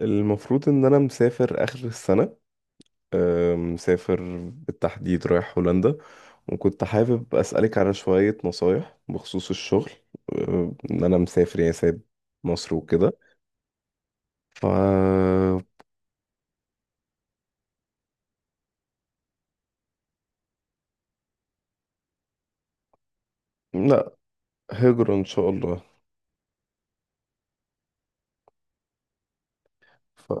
المفروض ان انا مسافر اخر السنة. مسافر بالتحديد رايح هولندا. وكنت حابب اسألك على شوية نصايح بخصوص الشغل. ان انا مسافر يعني سايب مصر وكده. ف لا، هجرة ان شاء الله. ف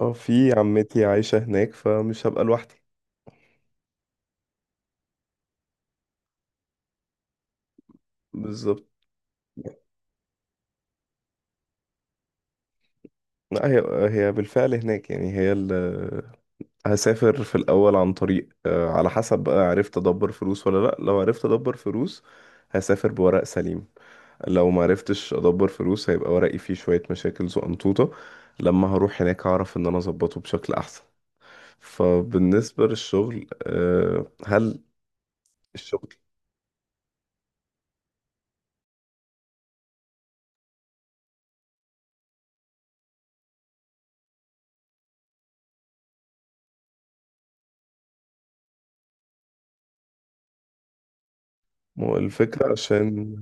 اه، في عمتي عايشة هناك فمش هبقى لوحدي. بالظبط. لا، هي هي بالفعل هناك، يعني هي هسافر في الأول عن طريق على حسب بقى عرفت أدبر فلوس ولا لأ. لو عرفت أدبر فلوس هسافر بورق سليم، لو ما عرفتش أدبر فلوس هيبقى ورقي فيه شوية مشاكل زقنطوطة، لما هروح هناك هعرف إن أنا أظبطه بشكل أحسن. فبالنسبة للشغل آه، هل الشغل ما هو الفكرة، عشان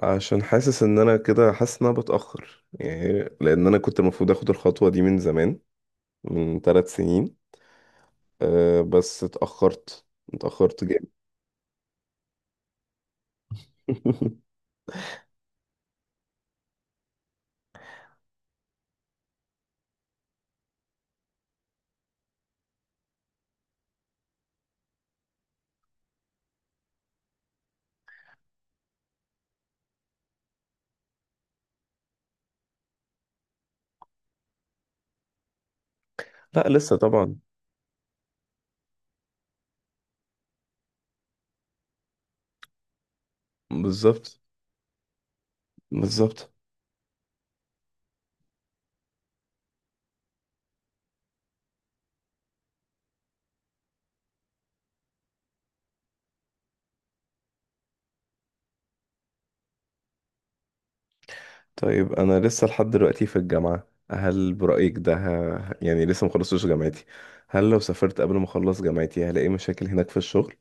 حاسس إن أنا كده، حاسس إن أنا بتأخر يعني، لأن أنا كنت المفروض أخد الخطوة دي من زمان، من 3 سنين. بس اتأخرت، اتأخرت جامد. لا لسه طبعا. بالظبط. بالظبط. طيب انا لسه لحد دلوقتي في الجامعة، هل برأيك ده يعني لسه مخلصتش جامعتي؟ هل لو سافرت قبل ما اخلص جامعتي هلاقي مشاكل هناك في الشغل؟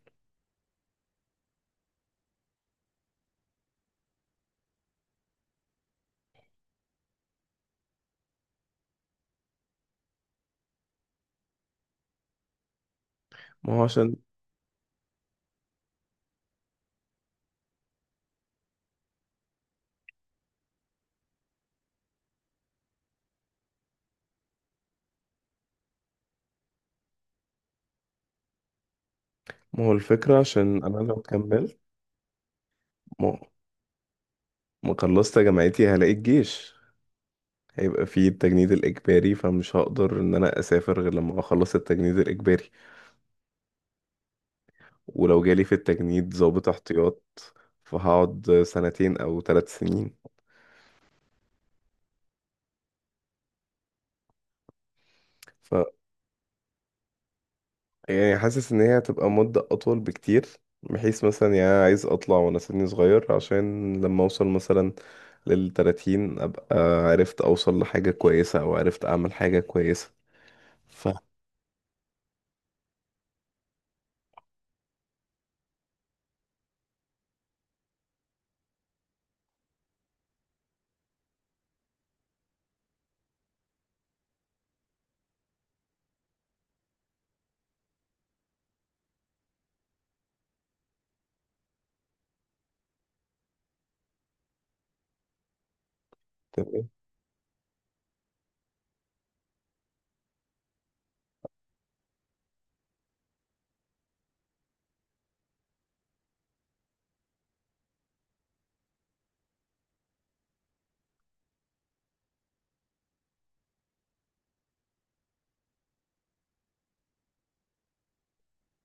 ما هو عشان ما هو الفكرة، عشان انا لو كملت، ما ما خلصت جامعتي هلاقي الجيش، هيبقى فيه التجنيد الإجباري، فمش هقدر إن أنا أسافر غير لما أخلص التجنيد الإجباري. ولو جالي في التجنيد ضابط احتياط فهقعد سنتين أو 3 سنين. يعني حاسس ان هي هتبقى مدة اطول بكتير، بحيث مثلا يعني أنا عايز اطلع وانا سني صغير، عشان لما اوصل مثلا للتلاتين ابقى عرفت اوصل لحاجة كويسة او عرفت اعمل حاجة كويسة. فاهم.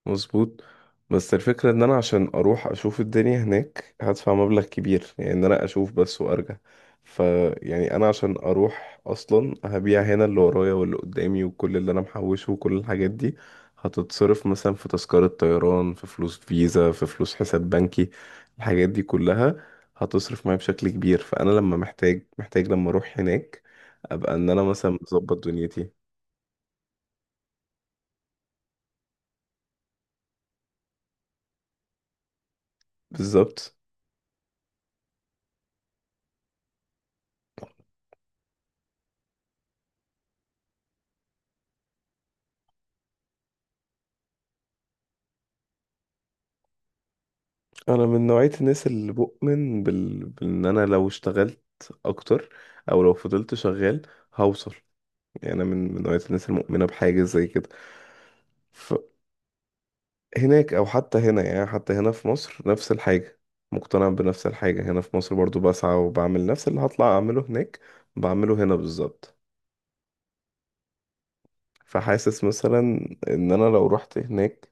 مظبوط. بس الفكرة ان انا عشان اروح اشوف الدنيا هناك هدفع مبلغ كبير، يعني ان انا اشوف بس وارجع. ف يعني انا عشان اروح اصلا هبيع هنا اللي ورايا واللي قدامي وكل اللي انا محوشه وكل الحاجات دي، هتتصرف مثلا في تذكرة طيران، في فلوس فيزا، في فلوس حساب بنكي. الحاجات دي كلها هتصرف معايا بشكل كبير، فانا لما محتاج لما اروح هناك ابقى ان انا مثلا مظبط دنيتي. بالظبط. انا من نوعية الناس اللي بؤمن بان انا لو اشتغلت اكتر، او لو فضلت شغال هوصل. يعني انا من نوعية الناس المؤمنة بحاجة زي كده، فهناك او حتى هنا، يعني حتى هنا في مصر نفس الحاجة، مقتنع بنفس الحاجة. هنا في مصر برضو بسعى وبعمل نفس اللي هطلع اعمله هناك بعمله هنا بالظبط. فحاسس مثلا ان انا لو رحت هناك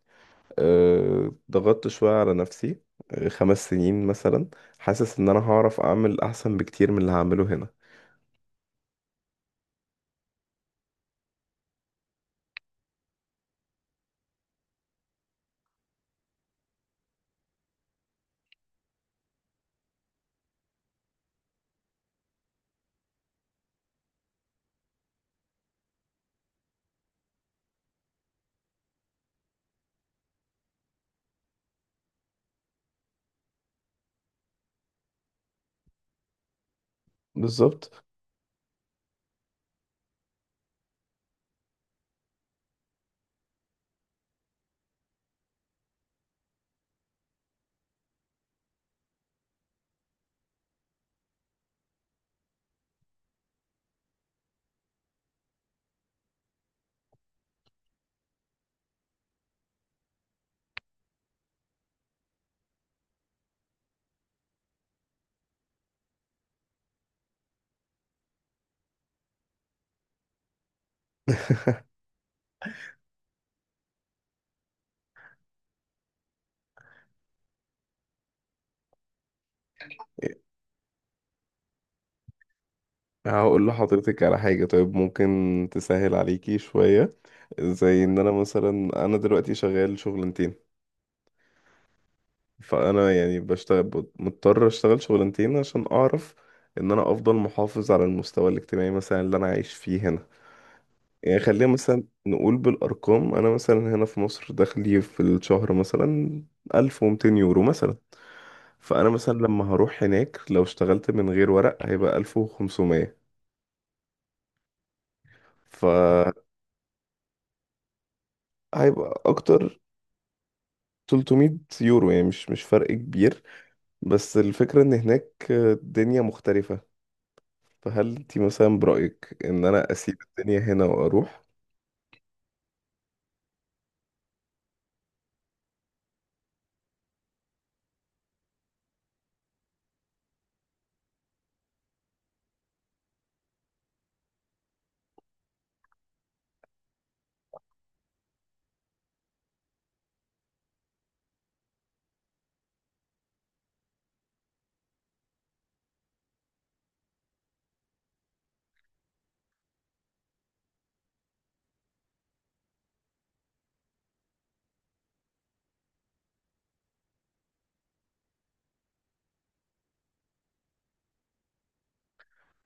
ضغطت شوية على نفسي، 5 سنين مثلا، حاسس ان انا هعرف اعمل احسن بكتير من اللي هعمله هنا. بالظبط. هقول لحضرتك على حاجة طيب ممكن تسهل عليكي شوية. زي ان انا مثلا انا دلوقتي شغال شغلانتين، فانا يعني بشتغل، مضطر اشتغل شغلانتين عشان اعرف ان انا افضل محافظ على المستوى الاجتماعي مثلا اللي انا عايش فيه هنا. يعني خلينا مثلا نقول بالارقام، انا مثلا هنا في مصر دخلي في الشهر مثلا 1200 يورو مثلا، فانا مثلا لما هروح هناك لو اشتغلت من غير ورق هيبقى 1500. ف هيبقى اكتر 300 يورو، يعني مش فرق كبير، بس الفكرة ان هناك الدنيا مختلفة. فهل انت مثلا برأيك ان انا اسيب الدنيا هنا واروح؟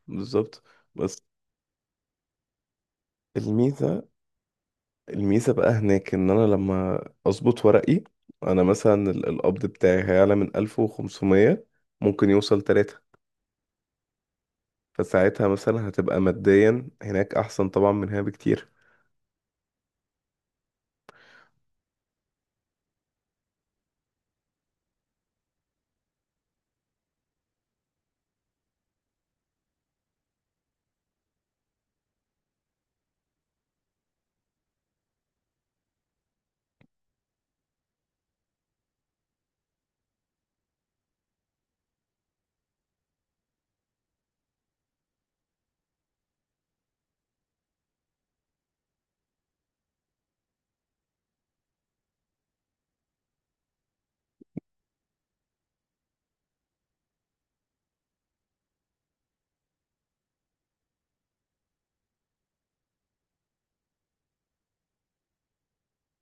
بالظبط. بس الميزة، الميزة بقى هناك ان انا لما اظبط ورقي انا مثلا القبض بتاعي هيعلى من 1500، ممكن يوصل 3. فساعتها مثلا هتبقى ماديا هناك احسن طبعا من هنا بكتير.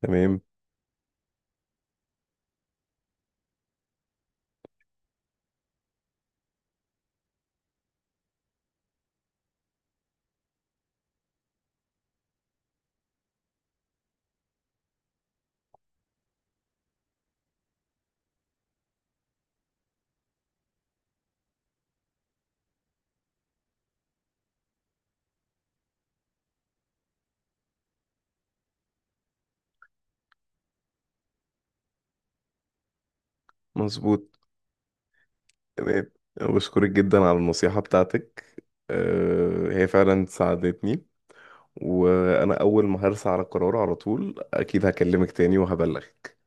تمام. مظبوط. تمام، بشكرك جدا على النصيحة بتاعتك. هي فعلا ساعدتني، وأنا أول ما هرسى على قرار على طول أكيد هكلمك تاني وهبلغك.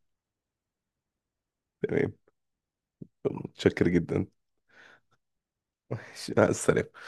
تمام. متشكر جدا. ماشي، مع السلامة.